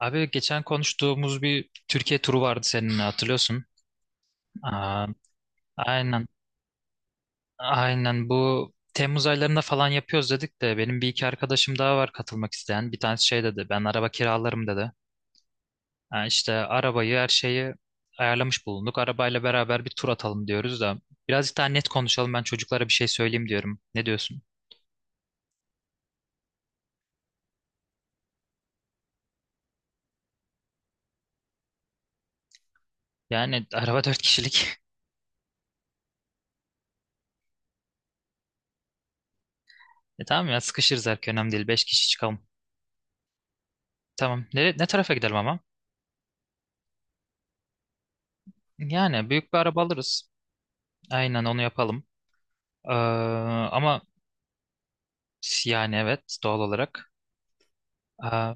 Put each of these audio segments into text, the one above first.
Abi geçen konuştuğumuz bir Türkiye turu vardı seninle hatırlıyorsun. Aa, aynen aynen bu Temmuz aylarında falan yapıyoruz dedik de benim bir iki arkadaşım daha var katılmak isteyen. Bir tanesi şey dedi ben araba kiralarım dedi. Ha, işte arabayı her şeyi ayarlamış bulunduk. Arabayla beraber bir tur atalım diyoruz da birazcık daha net konuşalım ben çocuklara bir şey söyleyeyim diyorum. Ne diyorsun? Yani araba dört kişilik. E tamam ya sıkışırız erken önemli değil. Beş kişi çıkalım. Tamam. Ne tarafa gidelim ama? Yani büyük bir araba alırız. Aynen onu yapalım. Ee, ama yani evet doğal olarak. Ee,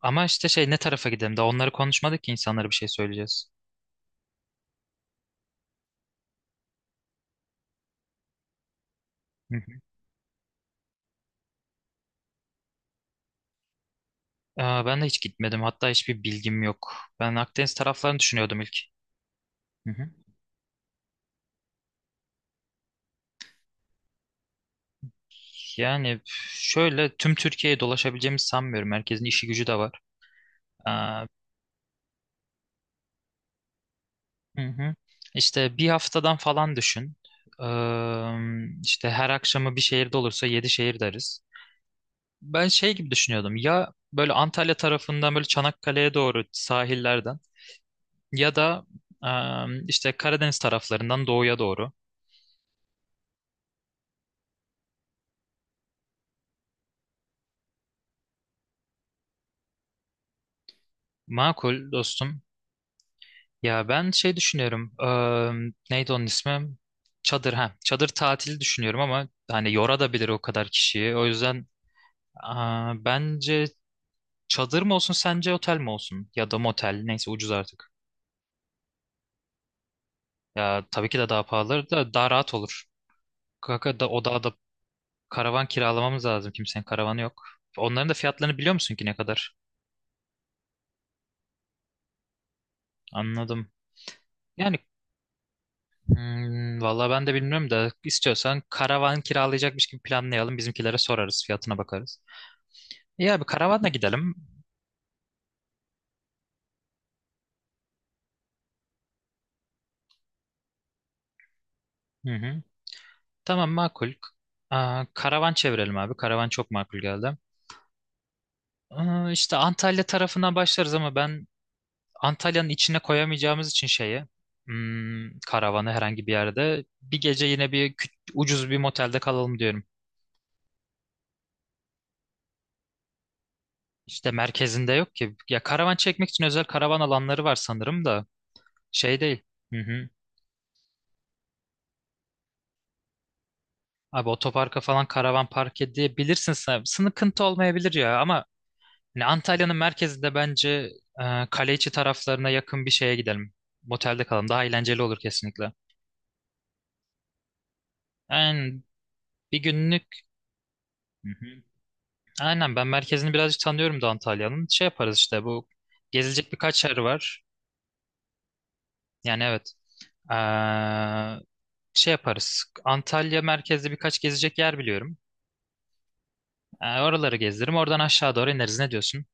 ama işte şey ne tarafa gidelim? Daha onları konuşmadık ki insanlara bir şey söyleyeceğiz. Hı hı. Ben de hiç gitmedim. Hatta hiçbir bilgim yok. Ben Akdeniz taraflarını düşünüyordum ilk. Hı hı. Yani şöyle tüm Türkiye'ye dolaşabileceğimi sanmıyorum. Herkesin işi gücü de var. Ee, hı hı. İşte bir haftadan falan düşün. İşte her akşamı bir şehirde olursa yedi şehir deriz. Ben şey gibi düşünüyordum ya böyle Antalya tarafından böyle Çanakkale'ye doğru sahillerden ya da işte Karadeniz taraflarından doğuya doğru. Makul dostum. Ya ben şey düşünüyorum. Neydi onun ismi? Çadır ha. Çadır tatili düşünüyorum ama hani yora da bilir o kadar kişiyi. O yüzden bence çadır mı olsun sence otel mi olsun ya da motel neyse ucuz artık. Ya tabii ki de daha pahalı da daha rahat olur. Kanka da o da karavan kiralamamız lazım. Kimsenin karavanı yok. Onların da fiyatlarını biliyor musun ki ne kadar? Anladım. Yani vallahi ben de bilmiyorum da istiyorsan karavan kiralayacakmış gibi planlayalım. Bizimkilere sorarız, fiyatına bakarız. İyi abi karavanla gidelim. Hı hı. Tamam makul. Aa, karavan çevirelim abi. Karavan çok makul geldi. Aa, işte Antalya tarafından başlarız ama ben Antalya'nın içine koyamayacağımız için şeyi karavanı herhangi bir yerde bir gece yine bir ucuz bir motelde kalalım diyorum. İşte merkezinde yok ki. Ya karavan çekmek için özel karavan alanları var sanırım da şey değil. Hı hı. Abi otoparka falan karavan park edebilirsin sen. Sıkıntı olmayabilir ya ama hani Antalya'nın merkezinde bence kale içi taraflarına yakın bir şeye gidelim. Motelde kalalım. Daha eğlenceli olur kesinlikle. Yani bir günlük. Hı hı. Aynen ben merkezini birazcık tanıyorum da Antalya'nın. Şey yaparız işte bu gezilecek birkaç yer var. Yani evet. Ee, şey yaparız. Antalya merkezde birkaç gezecek yer biliyorum. Oraları gezdiririm. Oradan aşağı doğru ineriz. Ne diyorsun?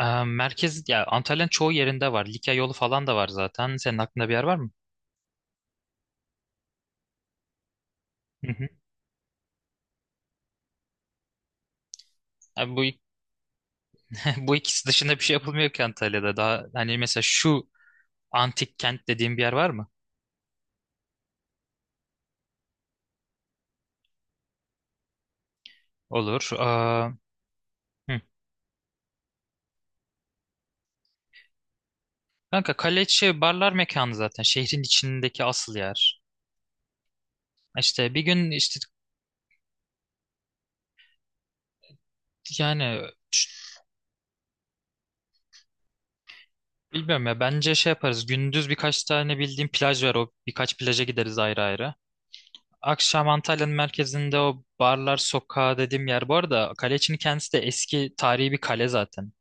Merkez ya Antalya'nın çoğu yerinde var. Likya yolu falan da var zaten. Senin aklında bir yer var mı? Hı hı. Abi bu ikisi dışında bir şey yapılmıyor ki Antalya'da. Daha hani mesela şu antik kent dediğim bir yer var mı? Olur. Hı. Kanka kale içi barlar mekanı zaten. Şehrin içindeki asıl yer. İşte bir gün işte yani bilmiyorum ya bence şey yaparız. Gündüz birkaç tane bildiğim plaj var. O birkaç plaja gideriz ayrı ayrı. Akşam Antalya'nın merkezinde o barlar sokağı dediğim yer. Bu arada kale içini kendisi de eski tarihi bir kale zaten.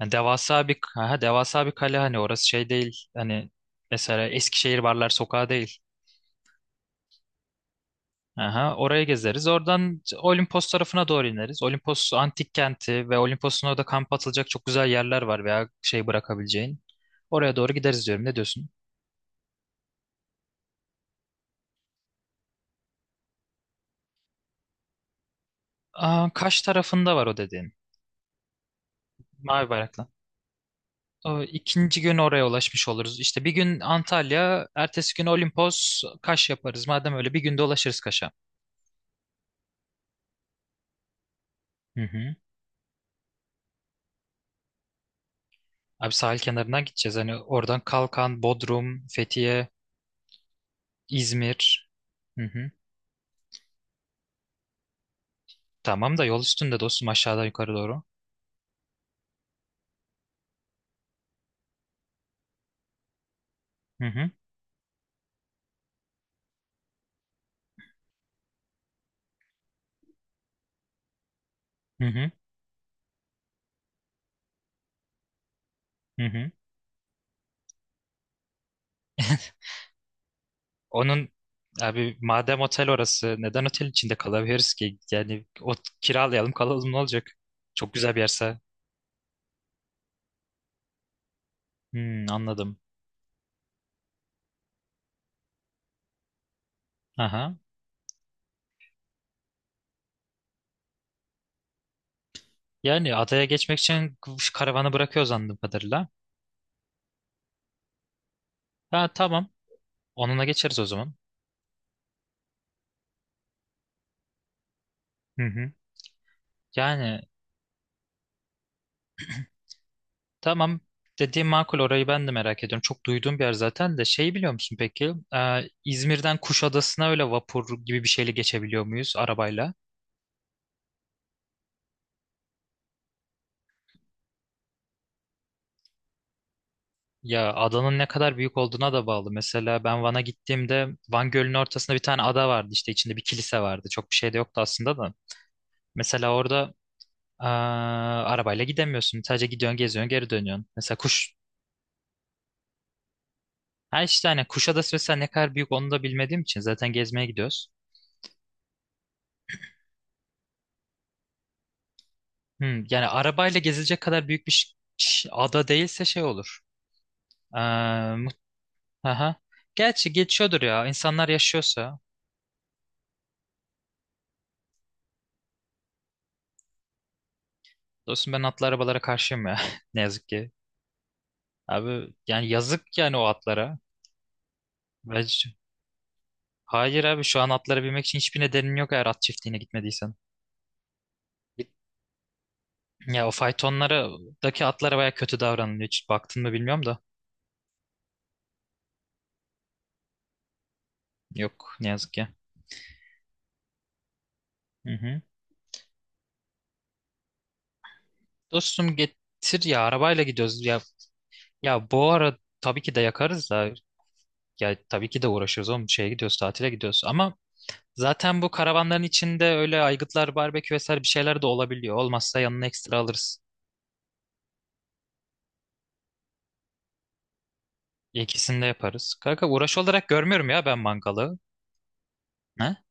Yani devasa bir devasa bir kale hani orası şey değil. Hani mesela Eskişehir Barlar Sokağı değil. Aha, oraya gezeriz. Oradan Olimpos tarafına doğru ineriz. Olimpos antik kenti ve Olimpos'un orada kamp atılacak çok güzel yerler var veya şey bırakabileceğin. Oraya doğru gideriz diyorum. Ne diyorsun? Aa, Kaş tarafında var o dediğin. Mavi bayraklı. O, ikinci gün oraya ulaşmış oluruz. İşte bir gün Antalya, ertesi gün Olimpos, Kaş yaparız. Madem öyle bir günde ulaşırız Kaş'a. Hı hı. Abi sahil kenarından gideceğiz. Hani oradan Kalkan, Bodrum, Fethiye, İzmir. Hı hı. Tamam da yol üstünde dostum aşağıdan yukarı doğru. Hı hı. Hı hı. Hı hı. Onun abi madem otel orası neden otel içinde kalabiliriz ki? Yani o kiralayalım kalalım ne olacak? Çok güzel bir yerse. Anladım. Aha. Yani adaya geçmek için şu karavanı bırakıyor anladığım kadarıyla. Ha tamam. Onunla geçeriz o zaman. Hı hı. Yani tamam dediğim makul orayı ben de merak ediyorum. Çok duyduğum bir yer zaten de şeyi biliyor musun peki? İzmir'den Kuşadası'na öyle vapur gibi bir şeyle geçebiliyor muyuz arabayla? Ya adanın ne kadar büyük olduğuna da bağlı. Mesela ben Van'a gittiğimde Van Gölü'nün ortasında bir tane ada vardı işte içinde bir kilise vardı. Çok bir şey de yoktu aslında da. Mesela orada arabayla gidemiyorsun. Sadece gidiyorsun, geziyorsun, geri dönüyorsun. Mesela kuş. Ha işte hani Kuşadası mesela ne kadar büyük onu da bilmediğim için zaten gezmeye gidiyoruz. Yani arabayla gezilecek kadar büyük bir ada değilse şey olur. Aa, aha. Gerçi geçiyordur ya. İnsanlar yaşıyorsa. Dostum ben atlı arabalara karşıyım ya. Ne yazık ki. Abi yani yazık yani o atlara. Ve- Hayır abi şu an atlara binmek için hiçbir nedenin yok eğer at çiftliğine gitmediysen. Ya o faytonlardaki atlara baya kötü davranılıyor. Hiç baktın mı bilmiyorum da. Yok ne yazık ki. Hı hı. Dostum getir ya arabayla gidiyoruz. Ya bu ara tabii ki de yakarız da. Ya tabii ki de uğraşıyoruz oğlum. Şeye gidiyoruz tatile gidiyoruz. Ama zaten bu karavanların içinde öyle aygıtlar, barbekü vesaire bir şeyler de olabiliyor. Olmazsa yanına ekstra alırız. İkisini de yaparız. Kanka uğraş olarak görmüyorum ya ben mangalı. Ha?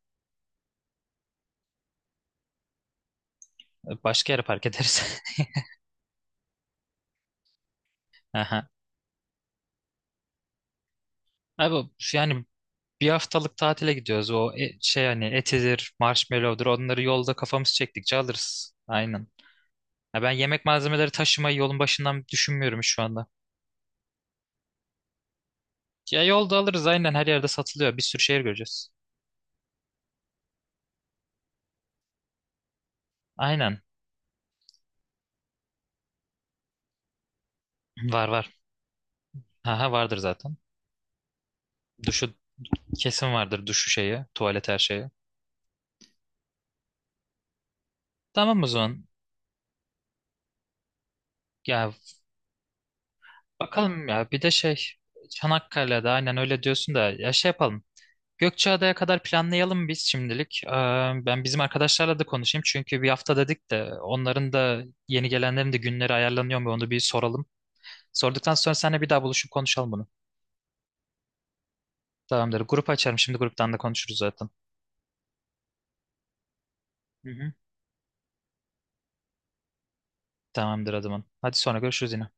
Başka yere park ederiz. Aha. Abi yani bir haftalık tatile gidiyoruz. O şey hani etidir, marshmallow'dur onları yolda kafamız çektikçe alırız. Aynen. Ya ben yemek malzemeleri taşımayı yolun başından düşünmüyorum şu anda. Ya yolda alırız aynen her yerde satılıyor. Bir sürü şehir göreceğiz. Aynen. Var var. Haha vardır zaten. Duşu kesin vardır duşu şeyi, tuvalet her şeyi. Tamam o zaman. Ya bakalım ya bir de şey Çanakkale'de aynen öyle diyorsun da ya şey yapalım. Gökçeada'ya kadar planlayalım biz şimdilik. Ben bizim arkadaşlarla da konuşayım çünkü bir hafta dedik de onların da yeni gelenlerin de günleri ayarlanıyor mu onu bir soralım. Sorduktan sonra seninle bir daha buluşup konuşalım bunu. Tamamdır. Grup açarım şimdi gruptan da konuşuruz zaten. Hı hı. Tamamdır adamın. Hadi sonra görüşürüz yine.